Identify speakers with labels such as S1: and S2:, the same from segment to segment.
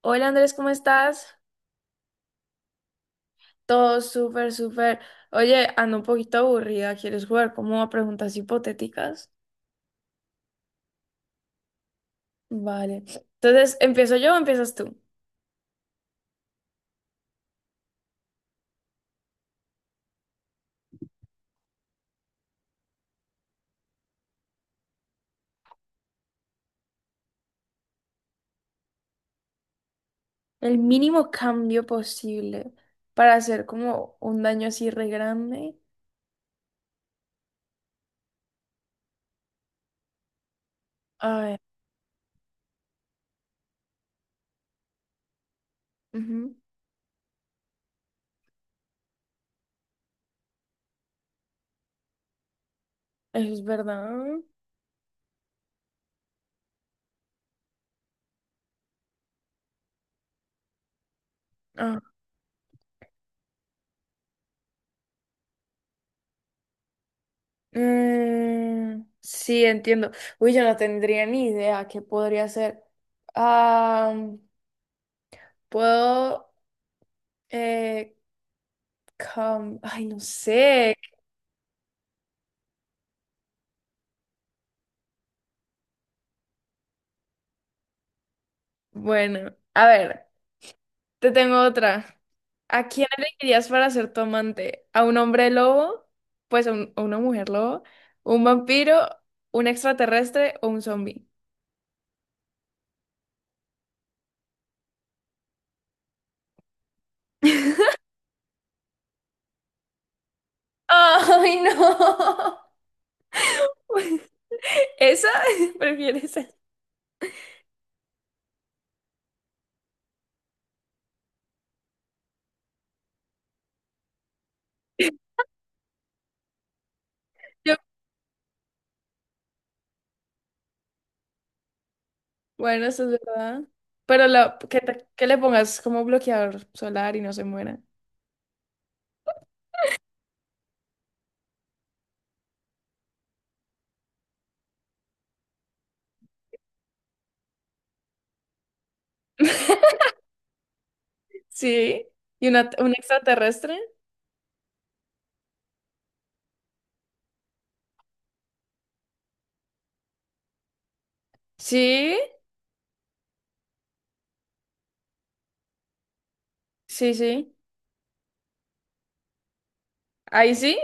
S1: Hola Andrés, ¿cómo estás? Todo súper, súper. Oye, ando un poquito aburrida. ¿Quieres jugar como a preguntas hipotéticas? Vale. Entonces, ¿empiezo yo o empiezas tú? El mínimo cambio posible para hacer como un daño así re grande. A ver. Ujú. Eso es verdad. Ah, mm, sí, entiendo. Uy, yo no tendría ni idea qué podría hacer. Ah, puedo, eh, ay, no sé. Bueno, a ver, te tengo otra. ¿A quién elegirías para ser tu amante? ¿A un hombre lobo? Pues a una mujer lobo, un vampiro, un extraterrestre o un zombie. ¡Ay, no! ¿Esa? ¿Prefieres esa? Yo- Bueno, eso es verdad. Pero que le pongas como bloqueador solar y no se muera. Sí. ¿Y un extraterrestre? Sí, sí, sí. Ahí sí.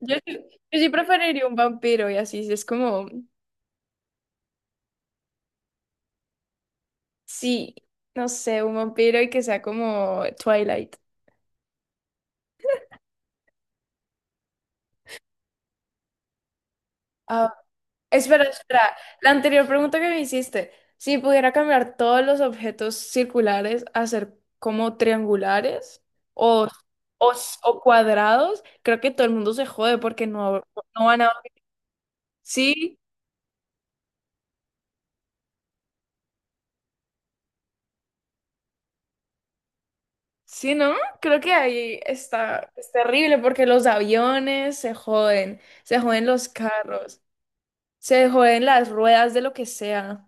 S1: Yo, sí yo sí preferiría un vampiro y así, es como, sí, no sé, un vampiro y que sea como Twilight. Ah, espera, espera, la anterior pregunta que me hiciste, si pudiera cambiar todos los objetos circulares a ser como triangulares o, o, o cuadrados, creo que todo el mundo se jode porque no van a... Sí, sí, ¿no? Creo que ahí está, es terrible porque los aviones se joden los carros. Se joden las ruedas de lo que sea.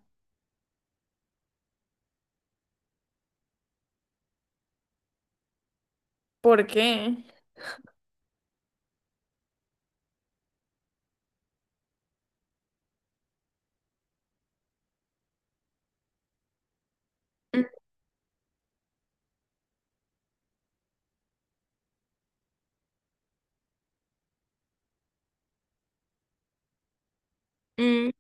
S1: ¿Por qué? Mm.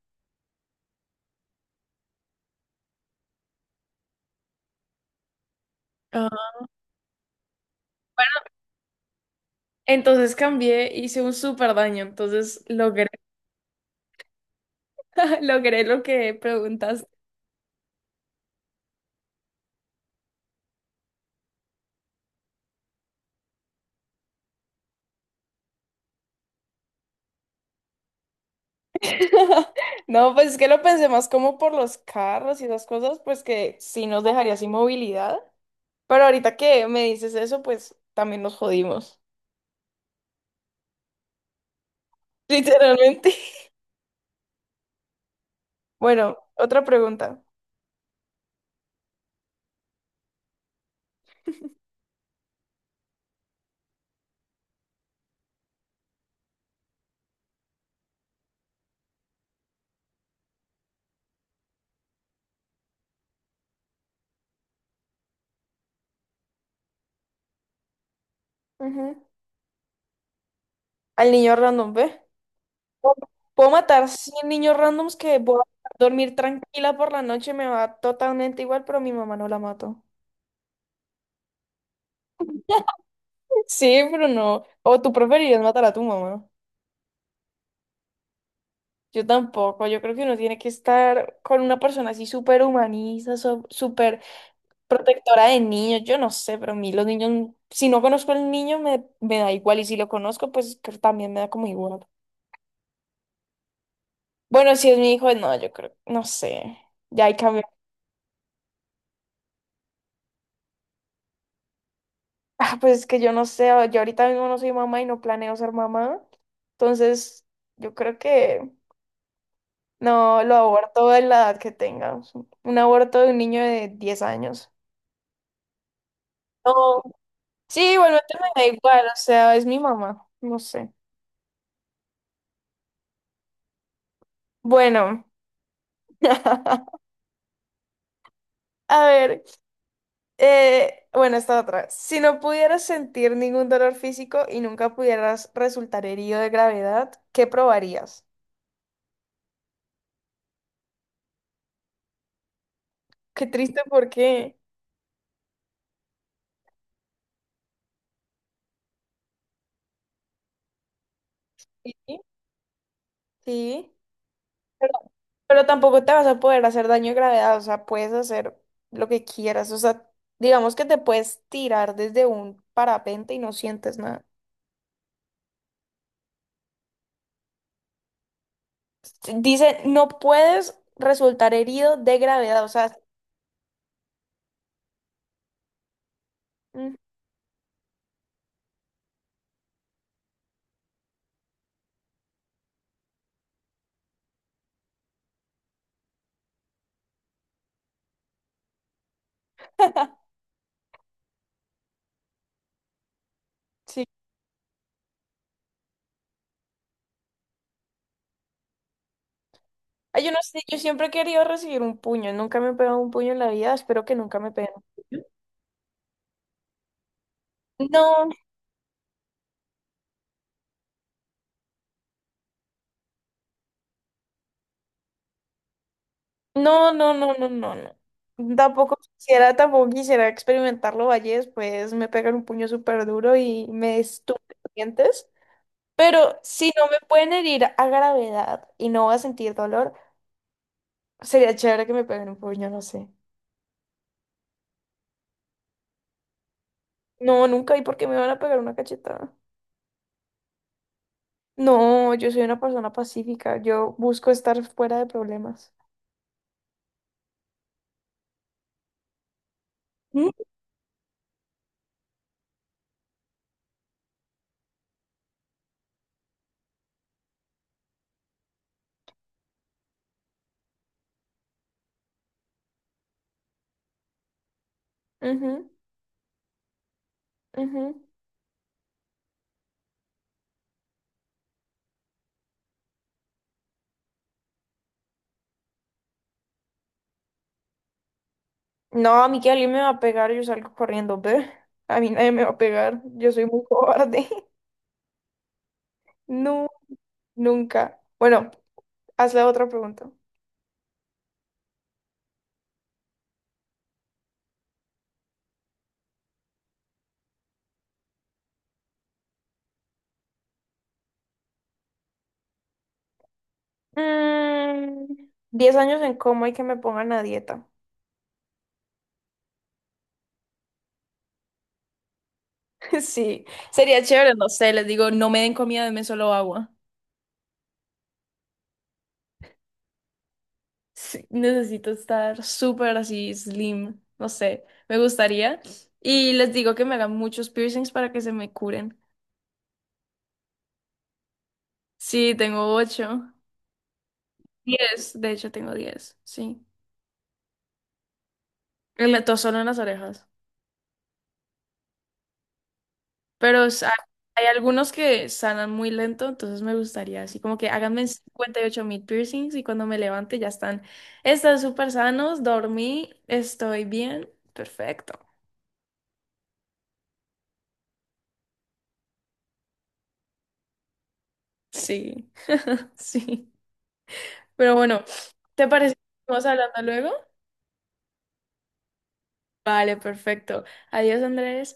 S1: Ah. Entonces cambié, hice un súper daño, entonces logré, logré lo que preguntaste. No, pues es que lo pensé más como por los carros y esas cosas, pues que sí nos dejaría sin movilidad. Pero ahorita que me dices eso, pues también nos jodimos. Literalmente. Bueno, otra pregunta. Ujú. Al niño random, ¿ve? Puedo matar 100 niños randoms que voy a dormir tranquila por la noche, me va totalmente igual, pero a mi mamá no la mato. Sí, pero no. O tú preferirías matar a tu mamá. Yo tampoco. Yo creo que uno tiene que estar con una persona así súper humanista, súper protectora de niños. Yo no sé, pero a mí los niños, si no conozco al niño, me da igual. Y si lo conozco, pues creo que también me da como igual. Bueno, si es mi hijo, no, yo creo, no sé. Ya ahí cambió. Ah, pues es que yo no sé, yo ahorita mismo no soy mamá y no planeo ser mamá. Entonces, yo creo que no lo aborto en la edad que tenga. Un aborto de un niño de 10 años. No. Sí, igualmente me da igual, o sea, es mi mamá, no sé. Bueno, a ver, bueno, esta otra. Si no pudieras sentir ningún dolor físico y nunca pudieras resultar herido de gravedad, ¿qué probarías? Qué triste, ¿por qué? Sí. Sí. Pero, pero tampoco te vas a poder hacer daño de gravedad, o sea, puedes hacer lo que quieras, o sea, digamos que te puedes tirar desde un parapente y no sientes nada. Dice, no puedes resultar herido de gravedad, o sea, mm, sí. Ay, yo no sé, yo siempre he querido recibir un puño, nunca me he pegado un puño en la vida, espero que nunca me peguen. No, no, no, no, no, no, no. Tampoco quisiera, tampoco quisiera experimentarlo, vaya, después me pegan un puño súper duro y me estumpen los dientes. Pero si no me pueden herir a gravedad y no voy a sentir dolor, sería chévere que me peguen un puño, no sé. No, nunca. ¿Y por qué me van a pegar una cachetada? No, yo soy una persona pacífica. Yo busco estar fuera de problemas. ¿Mm? Ujú, ujú. No, a mí que alguien me va a pegar, yo salgo corriendo, ¿ve? A mí nadie me va a pegar. Yo soy muy cobarde. No, nunca. Bueno, hazle otra pregunta. Mm, 10 años en coma y que me pongan a dieta. Sí, sería chévere, no sé, les digo, no me den comida, denme solo agua. Sí, necesito estar súper así slim, no sé, me gustaría. Y les digo que me hagan muchos piercings para que se me curen. Sí, tengo ocho, 10, de hecho tengo 10, sí. Y solo en las orejas. Pero hay algunos que sanan muy lento, entonces me gustaría así como que háganme 58.000 piercings y cuando me levante ya están, súper sanos, dormí, estoy bien, perfecto. Sí, sí. Pero bueno, ¿te parece que estamos hablando luego? Vale, perfecto. Adiós, Andrés.